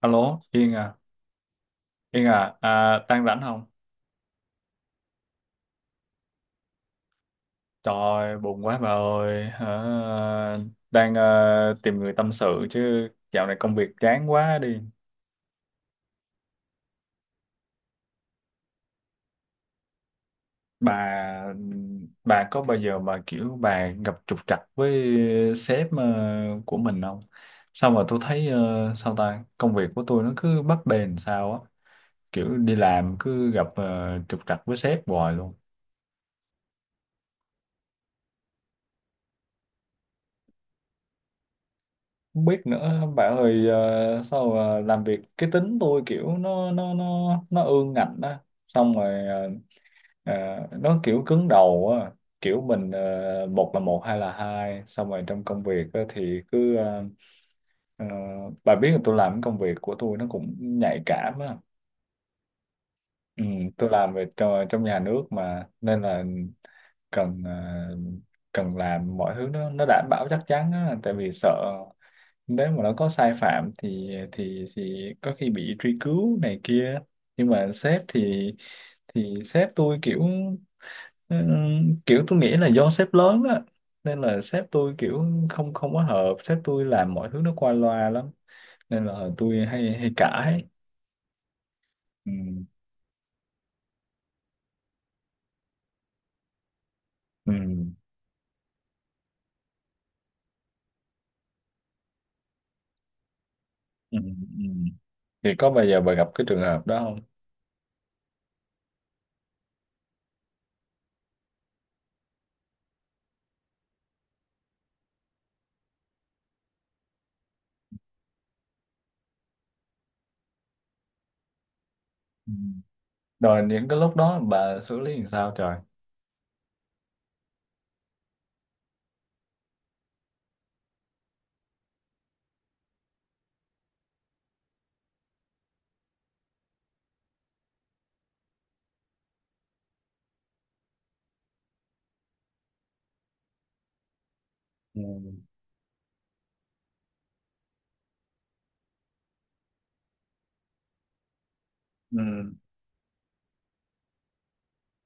Alo, Yên à, Yên à, à đang rảnh không? Trời ơi, buồn quá bà ơi, hả? Đang tìm người tâm sự chứ dạo này công việc chán quá đi. Bà bà có bao giờ mà kiểu bà gặp trục trặc với sếp của mình không? Sao mà tôi thấy sao ta, công việc của tôi nó cứ bấp bênh sao á, kiểu đi làm cứ gặp trục trặc với sếp hoài luôn. Không biết nữa bạn ơi, sao mà làm việc cái tính tôi kiểu nó ương ngạnh á. Xong rồi, ờ, nó kiểu cứng đầu á. Kiểu mình, một là một hai là hai, xong rồi trong công việc á, thì cứ ờ, bà biết là tôi làm cái công việc của tôi nó cũng nhạy cảm á. Ừ, tôi làm về trong nhà nước mà, nên là cần, cần làm mọi thứ nó đảm bảo chắc chắn á, tại vì sợ nếu mà nó có sai phạm thì có khi bị truy cứu này kia. Nhưng mà sếp thì sếp tôi kiểu, kiểu tôi nghĩ là do sếp lớn á, nên là sếp tôi kiểu không không có hợp, sếp tôi làm mọi thứ nó qua loa lắm, nên là tôi hay hay cãi. Ừ. Ừ. Ừ. Ừ. Thì có bao giờ bà gặp cái trường hợp đó không? Ừ. Rồi những cái lúc đó bà xử lý làm sao trời? Ừ. Ừ.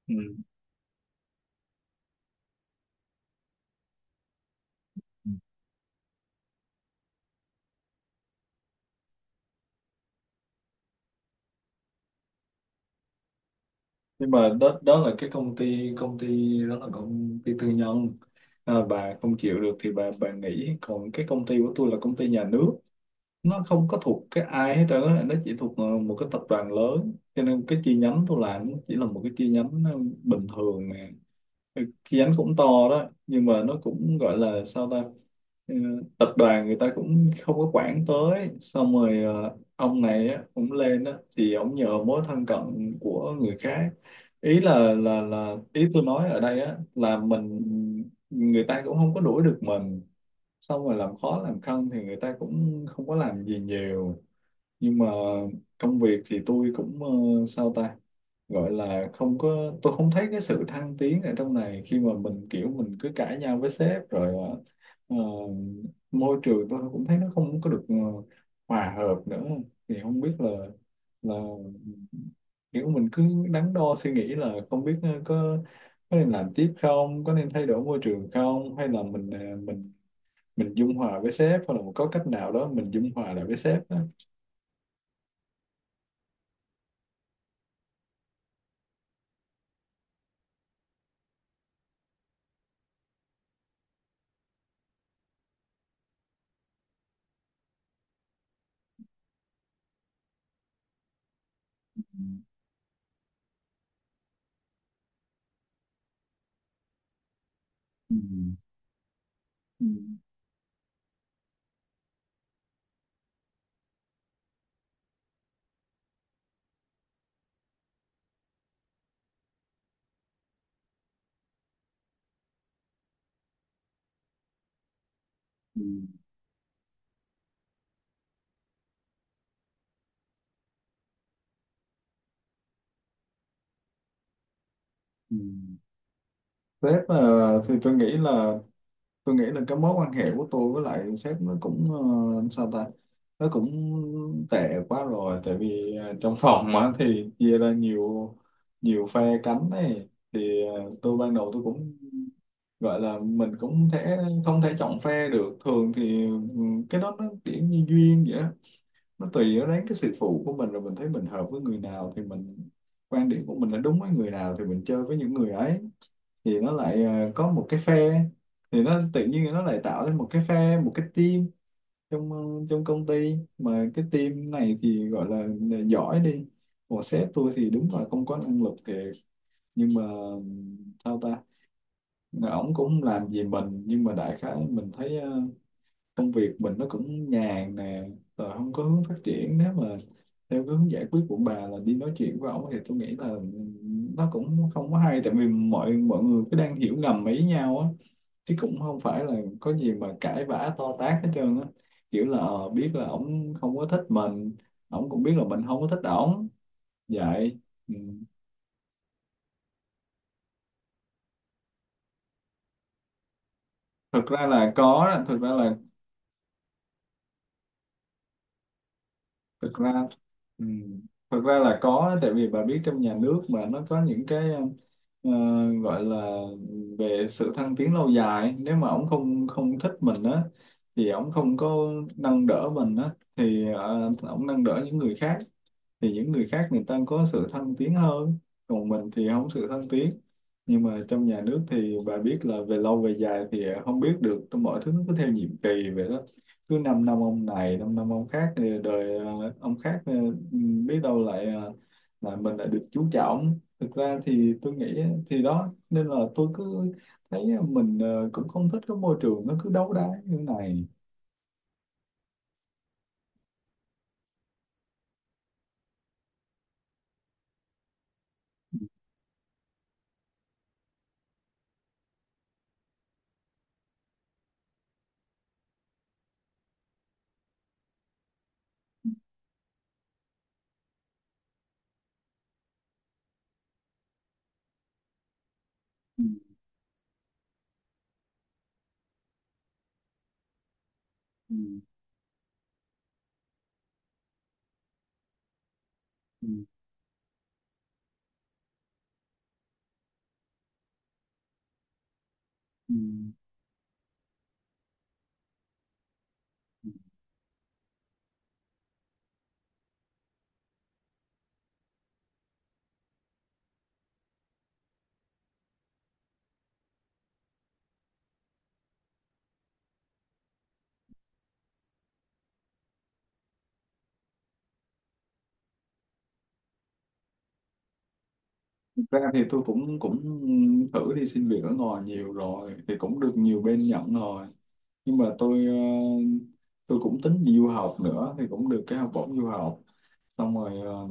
Ừ. Ừ. Nhưng mà đó đó là cái công ty đó là công ty tư nhân. À, bà không chịu được thì bà nghỉ, còn cái công ty của tôi là công ty nhà nước, nó không có thuộc cái ai hết trơn á, nó chỉ thuộc một cái tập đoàn lớn, cho nên cái chi nhánh tôi làm nó chỉ là một cái chi nhánh bình thường nè. Kiến cũng to đó, nhưng mà nó cũng gọi là sao ta. Ừ, tập đoàn người ta cũng không có quản tới, xong rồi ông này á, cũng lên á, thì ông nhờ mối thân cận của người khác. Ý là ý tôi nói ở đây á, là mình, người ta cũng không có đuổi được mình, xong rồi làm khó làm khăn thì người ta cũng không có làm gì nhiều. Nhưng mà công việc thì tôi cũng, sao ta, gọi là không có, tôi không thấy cái sự thăng tiến ở trong này khi mà mình kiểu mình cứ cãi nhau với sếp rồi, ờ, môi trường tôi cũng thấy nó không có được hòa hợp nữa. Thì không biết là kiểu mình cứ đắn đo suy nghĩ là không biết, có nên làm tiếp không, có nên thay đổi môi trường không, hay là mình, mình dung hòa với sếp, hoặc là có cách nào đó mình dung hòa lại với sếp đó. Ừ. Ừ. Ừ. Ừ. Ừ. Sếp, thì tôi nghĩ là, cái mối quan hệ của tôi với lại sếp nó cũng, sao ta, nó cũng tệ quá rồi. Tại vì trong phòng á thì chia ra nhiều nhiều phe cánh này, thì tôi ban đầu tôi cũng gọi là mình cũng thể không thể chọn phe được. Thường thì cái đó nó kiểu như duyên vậy á. Nó tùy ở đến cái sự phụ của mình, rồi mình thấy mình hợp với người nào thì mình, quan điểm của mình là đúng với người nào thì mình chơi với những người ấy. Thì nó lại có một cái phe, thì nó tự nhiên nó lại tạo lên một cái phe, một cái team trong, trong công ty, mà cái team này thì gọi là giỏi đi. Còn sếp tôi thì đúng là không có năng lực thiệt, nhưng mà ừm, sao ta, ổng cũng không làm gì mình, nhưng mà đại khái mình thấy công việc mình nó cũng nhàn nè, rồi không có hướng phát triển. Nếu mà theo cái hướng giải quyết của bà là đi nói chuyện với ổng thì tôi nghĩ là nó cũng không có hay, tại vì mọi mọi người cứ đang hiểu ngầm ý nhau á, chứ cũng không phải là có gì mà cãi vã to tát hết trơn á, kiểu là, biết là ổng không có thích mình, ổng cũng biết là mình không có thích ổng vậy. Ừ. Thực ra là có đó, thực ra ừ, thực ra là có, tại vì bà biết trong nhà nước mà nó có những cái, ờ, gọi là về sự thăng tiến lâu dài, nếu mà ông không không thích mình á thì ông không có nâng đỡ mình á, thì ông nâng đỡ những người khác, thì những người khác người ta có sự thăng tiến hơn, còn mình thì không sự thăng tiến. Nhưng mà trong nhà nước thì bà biết là về lâu về dài thì không biết được, trong mọi thứ nó cứ theo nhiệm kỳ vậy đó, cứ 5 năm năm ông này, 5 năm năm ông khác, thì đời ông khác biết đâu lại là mình lại được chú trọng. Thực ra thì tôi nghĩ á, thì đó, nên là tôi cứ thấy mình cũng không thích cái môi trường nó cứ đấu đá như thế này. Ừ. Ừ. Ừ. Ừ. Thực ra thì tôi cũng cũng thử đi xin việc ở ngoài nhiều rồi, thì cũng được nhiều bên nhận rồi, nhưng mà tôi cũng tính đi du học nữa, thì cũng được cái học bổng du học. Xong rồi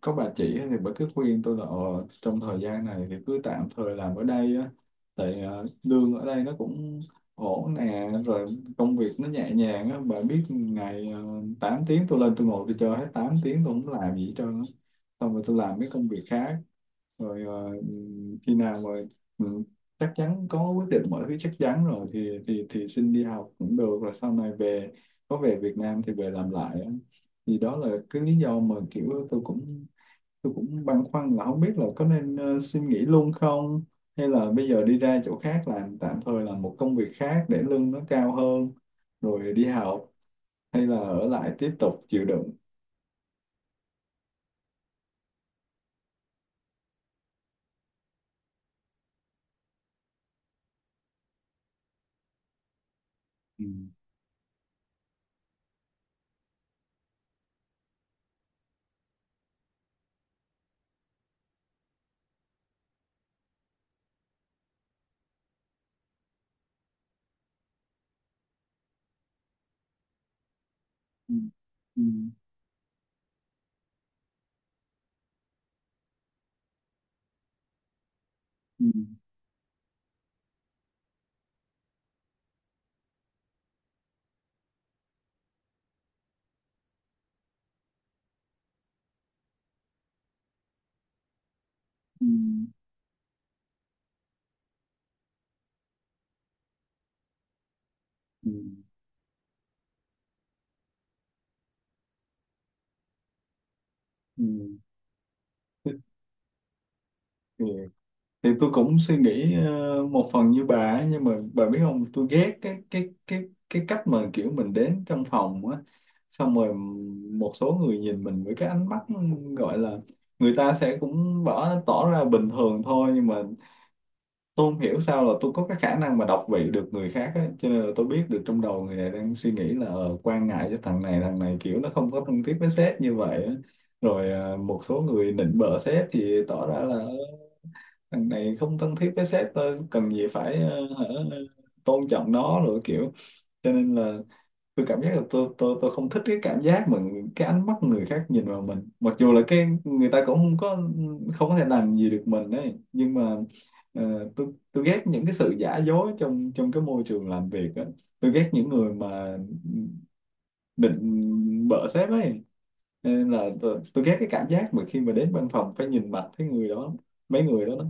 có bà chị thì bà cứ khuyên tôi là, trong thời gian này thì cứ tạm thời làm ở đây á, tại lương ở đây nó cũng ổn nè, rồi công việc nó nhẹ nhàng á, bà biết ngày 8 tiếng, tôi lên tôi ngồi tôi chơi hết 8 tiếng, tôi không làm gì hết trơn á. Xong rồi tôi làm mấy công việc khác, rồi khi nào rồi ừ, chắc chắn có quyết định mọi thứ chắc chắn rồi thì xin đi học cũng được, rồi sau này về, có về Việt Nam thì về làm lại á. Thì đó là cái lý do mà kiểu tôi cũng băn khoăn là không biết là có nên, xin nghỉ luôn không, hay là bây giờ đi ra chỗ khác làm tạm thời, làm một công việc khác để lương nó cao hơn rồi đi học, hay là ở lại tiếp tục chịu đựng. Ừ. Ừ. Ừ. Ừ. Ừ. Ừ. Ừ. Thế, thì thì tôi cũng suy nghĩ một phần như bà ấy, nhưng mà bà biết không, tôi ghét cái cách mà kiểu mình đến trong phòng á, xong rồi một số người nhìn mình với cái ánh mắt gọi là, người ta sẽ cũng bỏ tỏ ra bình thường thôi, nhưng mà tôi không hiểu sao là tôi có cái khả năng mà đọc vị được người khác á, cho nên là tôi biết được trong đầu người này đang suy nghĩ là, quan ngại cho thằng này, thằng này kiểu nó không có thân thiết với sếp như vậy á. Rồi một số người nịnh bợ sếp thì tỏ ra là thằng này không thân thiết với sếp, tôi cần gì phải, hả, tôn trọng nó, rồi kiểu, cho nên là tôi cảm giác là tôi không thích cái cảm giác mà cái ánh mắt người khác nhìn vào mình, mặc dù là cái người ta cũng không có thể làm gì được mình ấy, nhưng mà tôi ghét những cái sự giả dối trong trong cái môi trường làm việc á. Tôi ghét những người mà định bợ sếp ấy. Cho nên là tôi ghét cái cảm giác mà khi mà đến văn phòng phải nhìn mặt cái người đó, mấy người đó đó.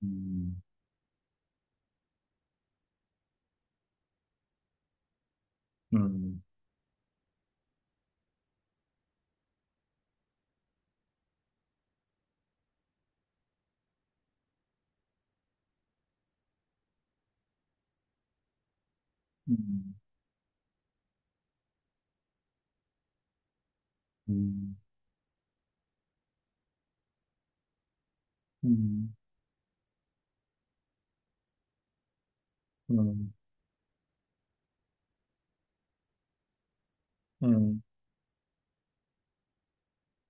Ừ. Ừ. Ừ. Ừ. Ừ. Ừ. Ừ.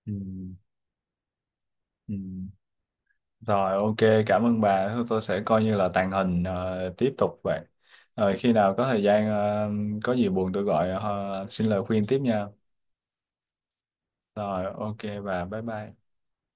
Ừ. Ừ. Rồi, ok, cảm ơn bà. Thôi, tôi sẽ coi như là tàng hình, tiếp tục vậy. Rồi khi nào có thời gian, có gì buồn tôi gọi, xin lời khuyên tiếp nha. Rồi ok bà, bye bye.